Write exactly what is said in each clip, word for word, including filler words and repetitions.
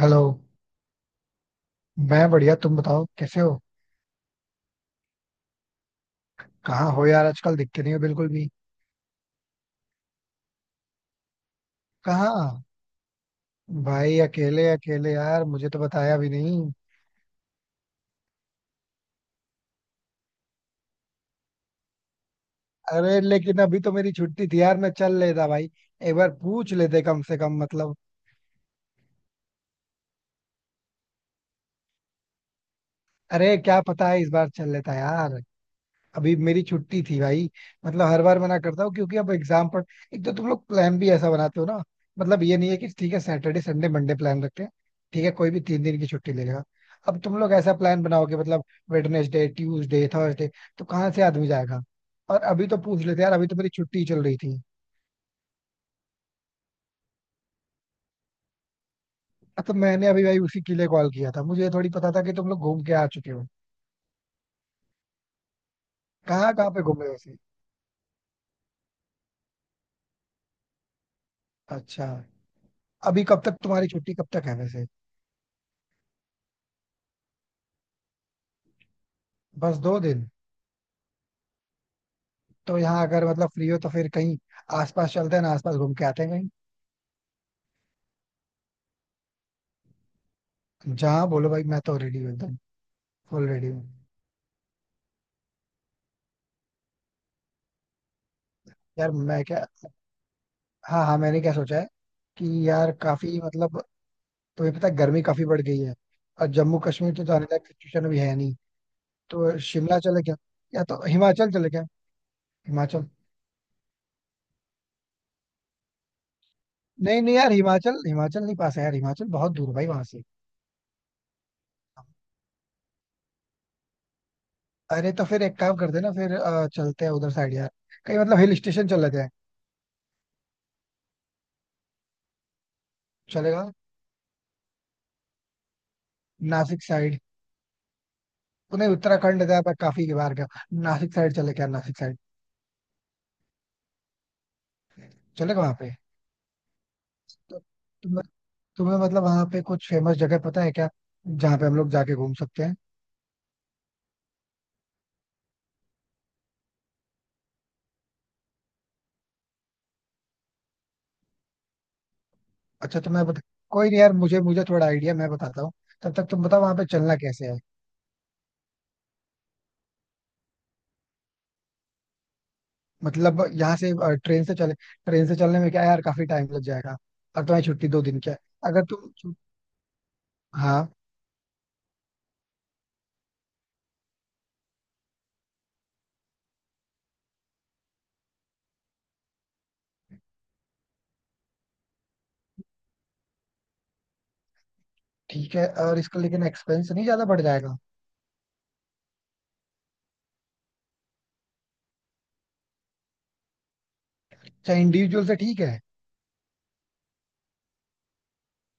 Hello. मैं बढ़िया, तुम बताओ कैसे हो। कहाँ हो यार, आजकल दिखते नहीं हो बिल्कुल भी। कहाँ। भाई अकेले अकेले यार, मुझे तो बताया भी नहीं। अरे लेकिन अभी तो मेरी छुट्टी थी यार, मैं चल लेता भाई। एक बार पूछ लेते कम से कम मतलब। अरे क्या पता है इस बार चल लेता यार। अभी मेरी छुट्टी थी भाई। मतलब हर बार मना करता हूँ क्योंकि अब एग्जाम पर। एक तो तुम लोग प्लान भी ऐसा बनाते हो ना। मतलब ये नहीं है कि ठीक है, सैटरडे संडे मंडे प्लान रखते हैं। ठीक है, कोई भी तीन दिन की छुट्टी ले लेगा। अब तुम लोग ऐसा प्लान बनाओगे मतलब वेडनेसडे ट्यूसडे थर्सडे, तो कहाँ से आदमी जाएगा। और अभी तो पूछ लेते यार, अभी तो मेरी छुट्टी चल रही थी। तो मैंने अभी भाई उसी के लिए कॉल किया था, मुझे थोड़ी पता था कि तुम लोग घूम के आ चुके हो। कहाँ कहाँ पे घूमे वैसे। अच्छा। अभी कब तक तुम्हारी छुट्टी कब तक है वैसे। बस दो दिन। तो यहाँ अगर मतलब फ्री हो तो फिर कहीं आसपास चलते हैं ना, आसपास घूम के आते हैं कहीं। जहाँ बोलो भाई, मैं तो रेडी हूँ एकदम। फुल रेडी हूँ। यार मैं क्या, हाँ हाँ मैंने क्या सोचा है कि यार काफी मतलब। तुम्हें पता है गर्मी काफी बढ़ गई है। और जम्मू कश्मीर तो जाने लायक सिचुएशन भी है नहीं। तो शिमला चले क्या, या तो हिमाचल चले क्या। हिमाचल। नहीं नहीं यार, हिमाचल हिमाचल नहीं पास है यार, हिमाचल बहुत दूर है भाई वहां से। अरे तो फिर एक काम करते हैं ना, फिर अ, चलते हैं उधर साइड यार। कहीं मतलब हिल स्टेशन चल लेते हैं। चलेगा। नासिक साइड। तो नहीं, उत्तराखंड गया मैं काफी बार गया। नासिक साइड चले क्या, नासिक साइड चले गए वहां पे। तो तुम्हें तुम्हें मतलब वहां पे कुछ फेमस जगह पता है क्या, जहाँ पे हम लोग जाके घूम सकते हैं। अच्छा तो मैं बता, कोई नहीं यार मुझे मुझे थोड़ा आइडिया मैं बताता हूँ। तब तक तुम बताओ वहां पे चलना कैसे है। मतलब यहाँ से ट्रेन से चले। ट्रेन से चलने में क्या है यार, काफी टाइम लग जाएगा। और तुम्हारी छुट्टी दो दिन की है। अगर तुम छु- हाँ। ठीक है, और इसका लेकिन एक्सपेंस नहीं ज्यादा बढ़ जाएगा। अच्छा इंडिविजुअल से ठीक है।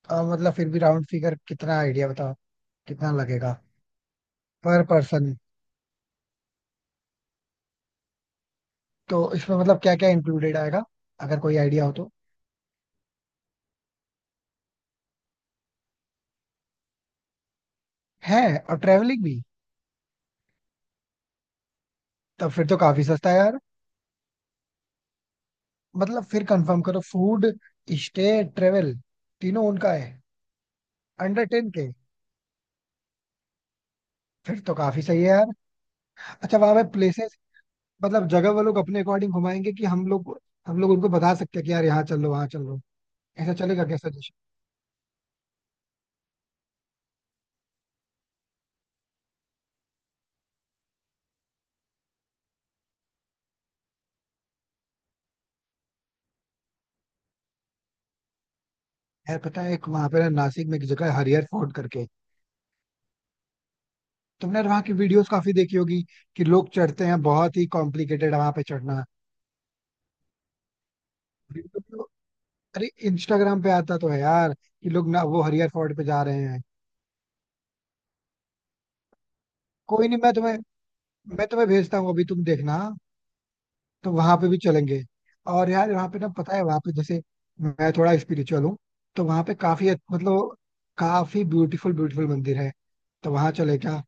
अ, मतलब फिर भी राउंड फिगर कितना आइडिया बताओ, कितना लगेगा पर पर्सन। तो इसमें मतलब क्या क्या इंक्लूडेड आएगा, अगर कोई आइडिया हो तो। है, और ट्रेवलिंग भी। तब फिर तो काफी सस्ता है यार। मतलब फिर कंफर्म करो, फूड स्टे ट्रेवल तीनों उनका है अंडर टेन के। फिर तो काफी सही है यार। अच्छा वहां पे प्लेसेस मतलब जगह वो लोग अपने अकॉर्डिंग घुमाएंगे, कि हम लोग हम लोग उनको बता सकते हैं कि यार यहाँ चल लो वहाँ चल लो, ऐसा चलेगा क्या सजेशन। यार पता है एक वहां पे ना, नासिक में एक जगह है हरियर फोर्ट करके। तुमने यार वहाँ की वीडियोस काफी देखी होगी कि लोग चढ़ते हैं, बहुत ही कॉम्प्लिकेटेड वहां पे चढ़ना। वीडियो- अरे इंस्टाग्राम पे आता तो है यार, कि लोग ना वो हरियर फोर्ट पे जा रहे हैं। कोई नहीं, मैं तुम्हें मैं तुम्हें भेजता हूँ अभी, तुम देखना। तो वहां पे भी चलेंगे। और यार वहाँ पे ना पता है वहाँ पे जैसे मैं थोड़ा स्पिरिचुअल हूँ। तो वहाँ पे काफी अच्छ- मतलब काफी ब्यूटीफुल ब्यूटीफुल मंदिर है। तो वहां चले क्या,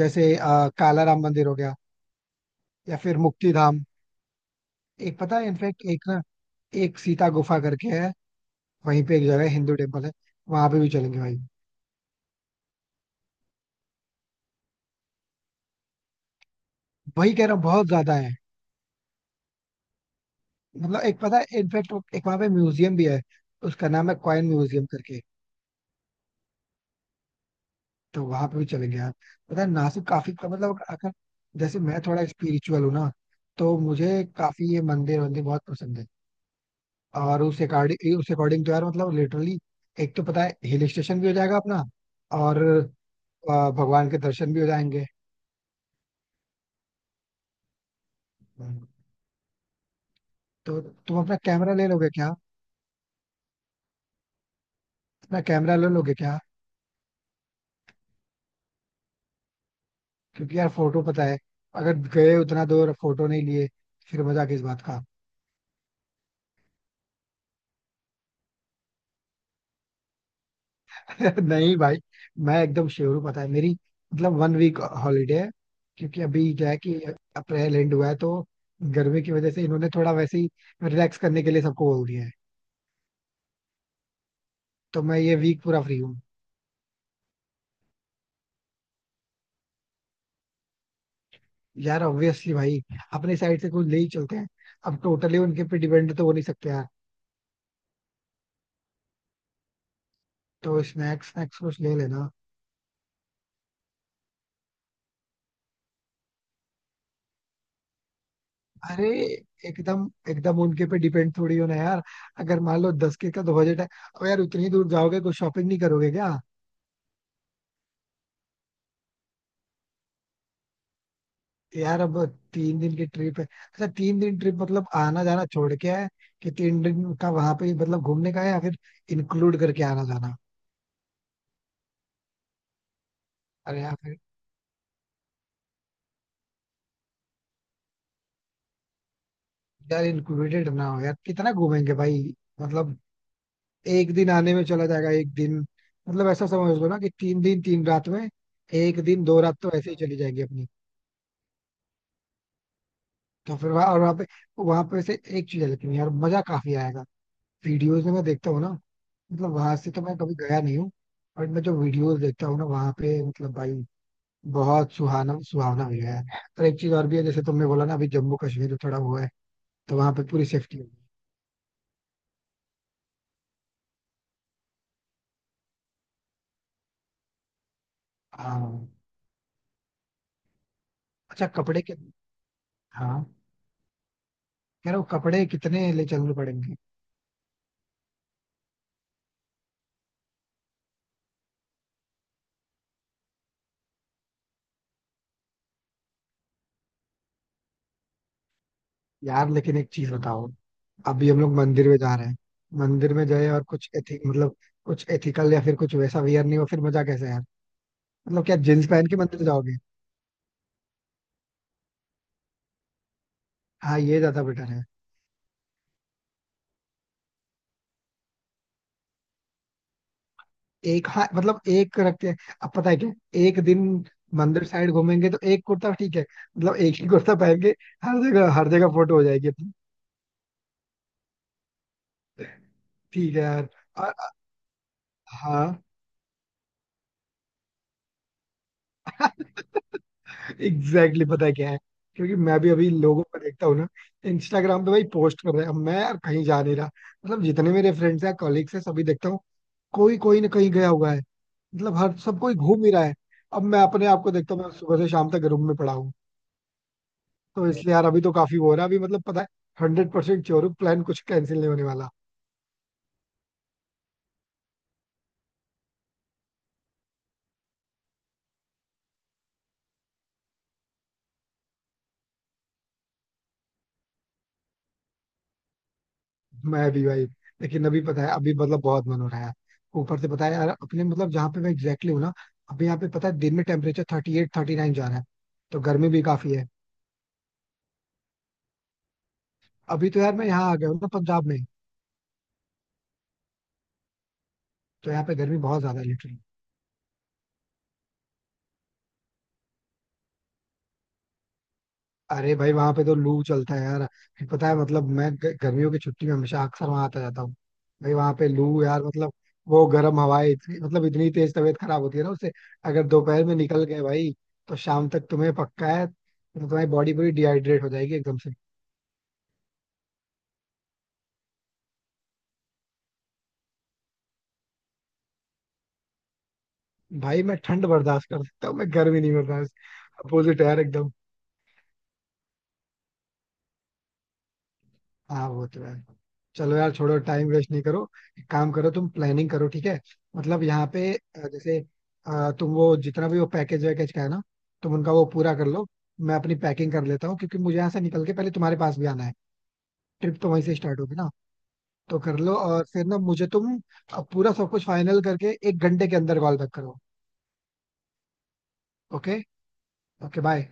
जैसे अ, काला राम मंदिर हो गया, या फिर मुक्ति धाम। एक पता है इनफेक्ट एक ना, एक सीता गुफा करके है। वहीं पे एक जगह है, हिंदू टेम्पल है, वहां पे भी चलेंगे भाई। वही कह रहा हूँ बहुत ज्यादा है। मतलब एक पता है इनफेक्ट एक वहां पे म्यूजियम भी है, उसका नाम है कॉइन म्यूजियम करके। तो वहां पे भी चलेंगे यार। पता है नासिक काफी मतलब अगर जैसे मैं थोड़ा स्पिरिचुअल हूँ ना, तो मुझे काफी ये मंदिर वंदिर बहुत पसंद है। और उस अकॉर्डिंग उस अकॉर्डिंग तो यार मतलब लिटरली एक तो पता है हिल स्टेशन भी हो जाएगा अपना। और आ, भगवान के दर्शन भी हो जाएंगे। हम्म। तो तुम अपना कैमरा ले लोगे क्या, अपना कैमरा ले लोगे क्या। क्योंकि यार फोटो पता है, अगर गए उतना दूर फोटो नहीं लिए फिर मजा किस बात का। नहीं भाई, मैं एकदम श्योर हूँ, पता है मेरी मतलब वन वीक हॉलीडे है। क्योंकि अभी क्या है कि अप्रैल एंड हुआ है, तो गर्मी की वजह से इन्होंने थोड़ा वैसे ही रिलैक्स करने के लिए सबको बोल दिया है। तो मैं ये वीक पूरा फ्री हूँ। यार ऑब्वियसली भाई अपने साइड से कुछ ले ही चलते हैं। अब टोटली उनके पे डिपेंड तो हो नहीं सकते यार। तो स्नैक्स स्नैक्स कुछ ले लेना। अरे एकदम एकदम उनके पे डिपेंड थोड़ी होना है यार। अगर मान लो दस के का तो बजट है, अब यार उतनी दूर जाओगे, कुछ शॉपिंग नहीं करोगे क्या। यार अब तीन दिन की ट्रिप है, अच्छा तीन दिन ट्रिप मतलब आना जाना छोड़ के है कि तीन दिन का वहां पे ही मतलब घूमने का है, या फिर इंक्लूड करके आना जाना। अरे यार फिर, यार इंक्लूडेड ना हो, यार कितना घूमेंगे भाई। मतलब एक दिन आने में चला जाएगा एक दिन। मतलब ऐसा समझ लो ना कि तीन दिन तीन रात में एक दिन दो रात तो ऐसे ही चली जाएंगी अपनी। तो फिर वहां, और वहां पे वहां पे से एक चीज है लेकिन यार मजा काफी आएगा। वीडियोज में मैं देखता हूँ ना, मतलब वहां से तो मैं कभी गया नहीं हूँ। और मैं जो वीडियोज देखता हूँ ना वहां पे मतलब भाई बहुत सुहाना सुहावना भी है। और एक चीज और भी है, जैसे तुमने बोला ना अभी जम्मू कश्मीर में थोड़ा हुआ है, तो वहां पे पूरी सेफ्टी होगी। हाँ। अच्छा कपड़े के। हाँ। कह रहा हूँ कपड़े कितने ले चलने पड़ेंगे। यार लेकिन एक चीज बताओ, अभी हम लोग मंदिर में जा रहे हैं। मंदिर में जाए और कुछ एथिक मतलब कुछ एथिकल या फिर कुछ वैसा वियर नहीं हो, फिर मजा कैसे यार। मतलब क्या जींस पहन के मंदिर जाओगे। हाँ ये ज्यादा बेटर है। एक हाँ मतलब एक रखते हैं। अब पता है क्या, एक दिन मंदिर साइड घूमेंगे, तो एक कुर्ता ठीक है। मतलब एक ही कुर्ता पहन के हर जगह हर जगह फोटो हो जाएगी अपनी। ठीक है यार। और हाँ एग्जैक्टली exactly, पता है क्या है। क्योंकि मैं भी अभी लोगों को देखता हूँ ना, इंस्टाग्राम पे भाई पोस्ट कर रहे हैं, अब मैं यार कहीं जा नहीं रहा। मतलब जितने मेरे फ्रेंड्स हैं कॉलीग्स हैं, सभी देखता हूँ, कोई कोई ना कहीं गया हुआ है। मतलब हर सब कोई घूम ही रहा है। अब मैं अपने आप को देखता हूँ, मैं सुबह से शाम तक रूम में पड़ा हूँ। तो इसलिए यार अभी तो काफी वो हो रहा है, अभी मतलब पता है हंड्रेड परसेंट श्योर हूँ, प्लान कुछ कैंसिल नहीं होने वाला। मैं भी भाई, लेकिन अभी पता है अभी मतलब बहुत मन हो रहा है यार। ऊपर से पता है यार अपने मतलब जहाँ पे मैं एग्जैक्टली हूँ ना, अभी यहाँ पे पता है दिन में temperature thirty eight thirty nine जा रहा है, तो गर्मी भी काफी है। अभी तो यार मैं यहाँ आ गया हूँ ना पंजाब में, तो यहाँ पे गर्मी बहुत ज्यादा है। अरे भाई वहां पे तो लू चलता है यार, फिर पता है मतलब मैं ग- गर्मियों की छुट्टी में हमेशा अक्सर वहां आता जाता हूँ। भाई वहां पे लू यार मतलब वो गर्म हवाएं इतनी मतलब इतनी तेज, तबीयत खराब होती है ना उससे। अगर दोपहर में निकल गए भाई तो शाम तक तुम्हें पक्का है, तो तुम्हारी बॉडी पूरी डिहाइड्रेट हो जाएगी एकदम से। भाई मैं ठंड बर्दाश्त कर सकता हूँ, मैं गर्मी नहीं बर्दाश्त। अपोजिट है यार एकदम। हाँ वो तो है। चलो यार छोड़ो, टाइम वेस्ट नहीं करो। एक काम करो, तुम प्लानिंग करो, ठीक है। मतलब यहाँ पे अ, जैसे अ, तुम वो जितना भी वो पैकेज वैकेज का है ना, तुम उनका वो पूरा कर लो। मैं अपनी पैकिंग कर लेता हूँ, क्योंकि मुझे यहाँ से निकल के पहले तुम्हारे पास भी आना है। ट्रिप तो वहीं से स्टार्ट होगी ना। तो कर लो, और फिर ना मुझे तुम अ, पूरा सब कुछ फाइनल करके एक घंटे के अंदर कॉल बैक करो। ओके। Okay bye.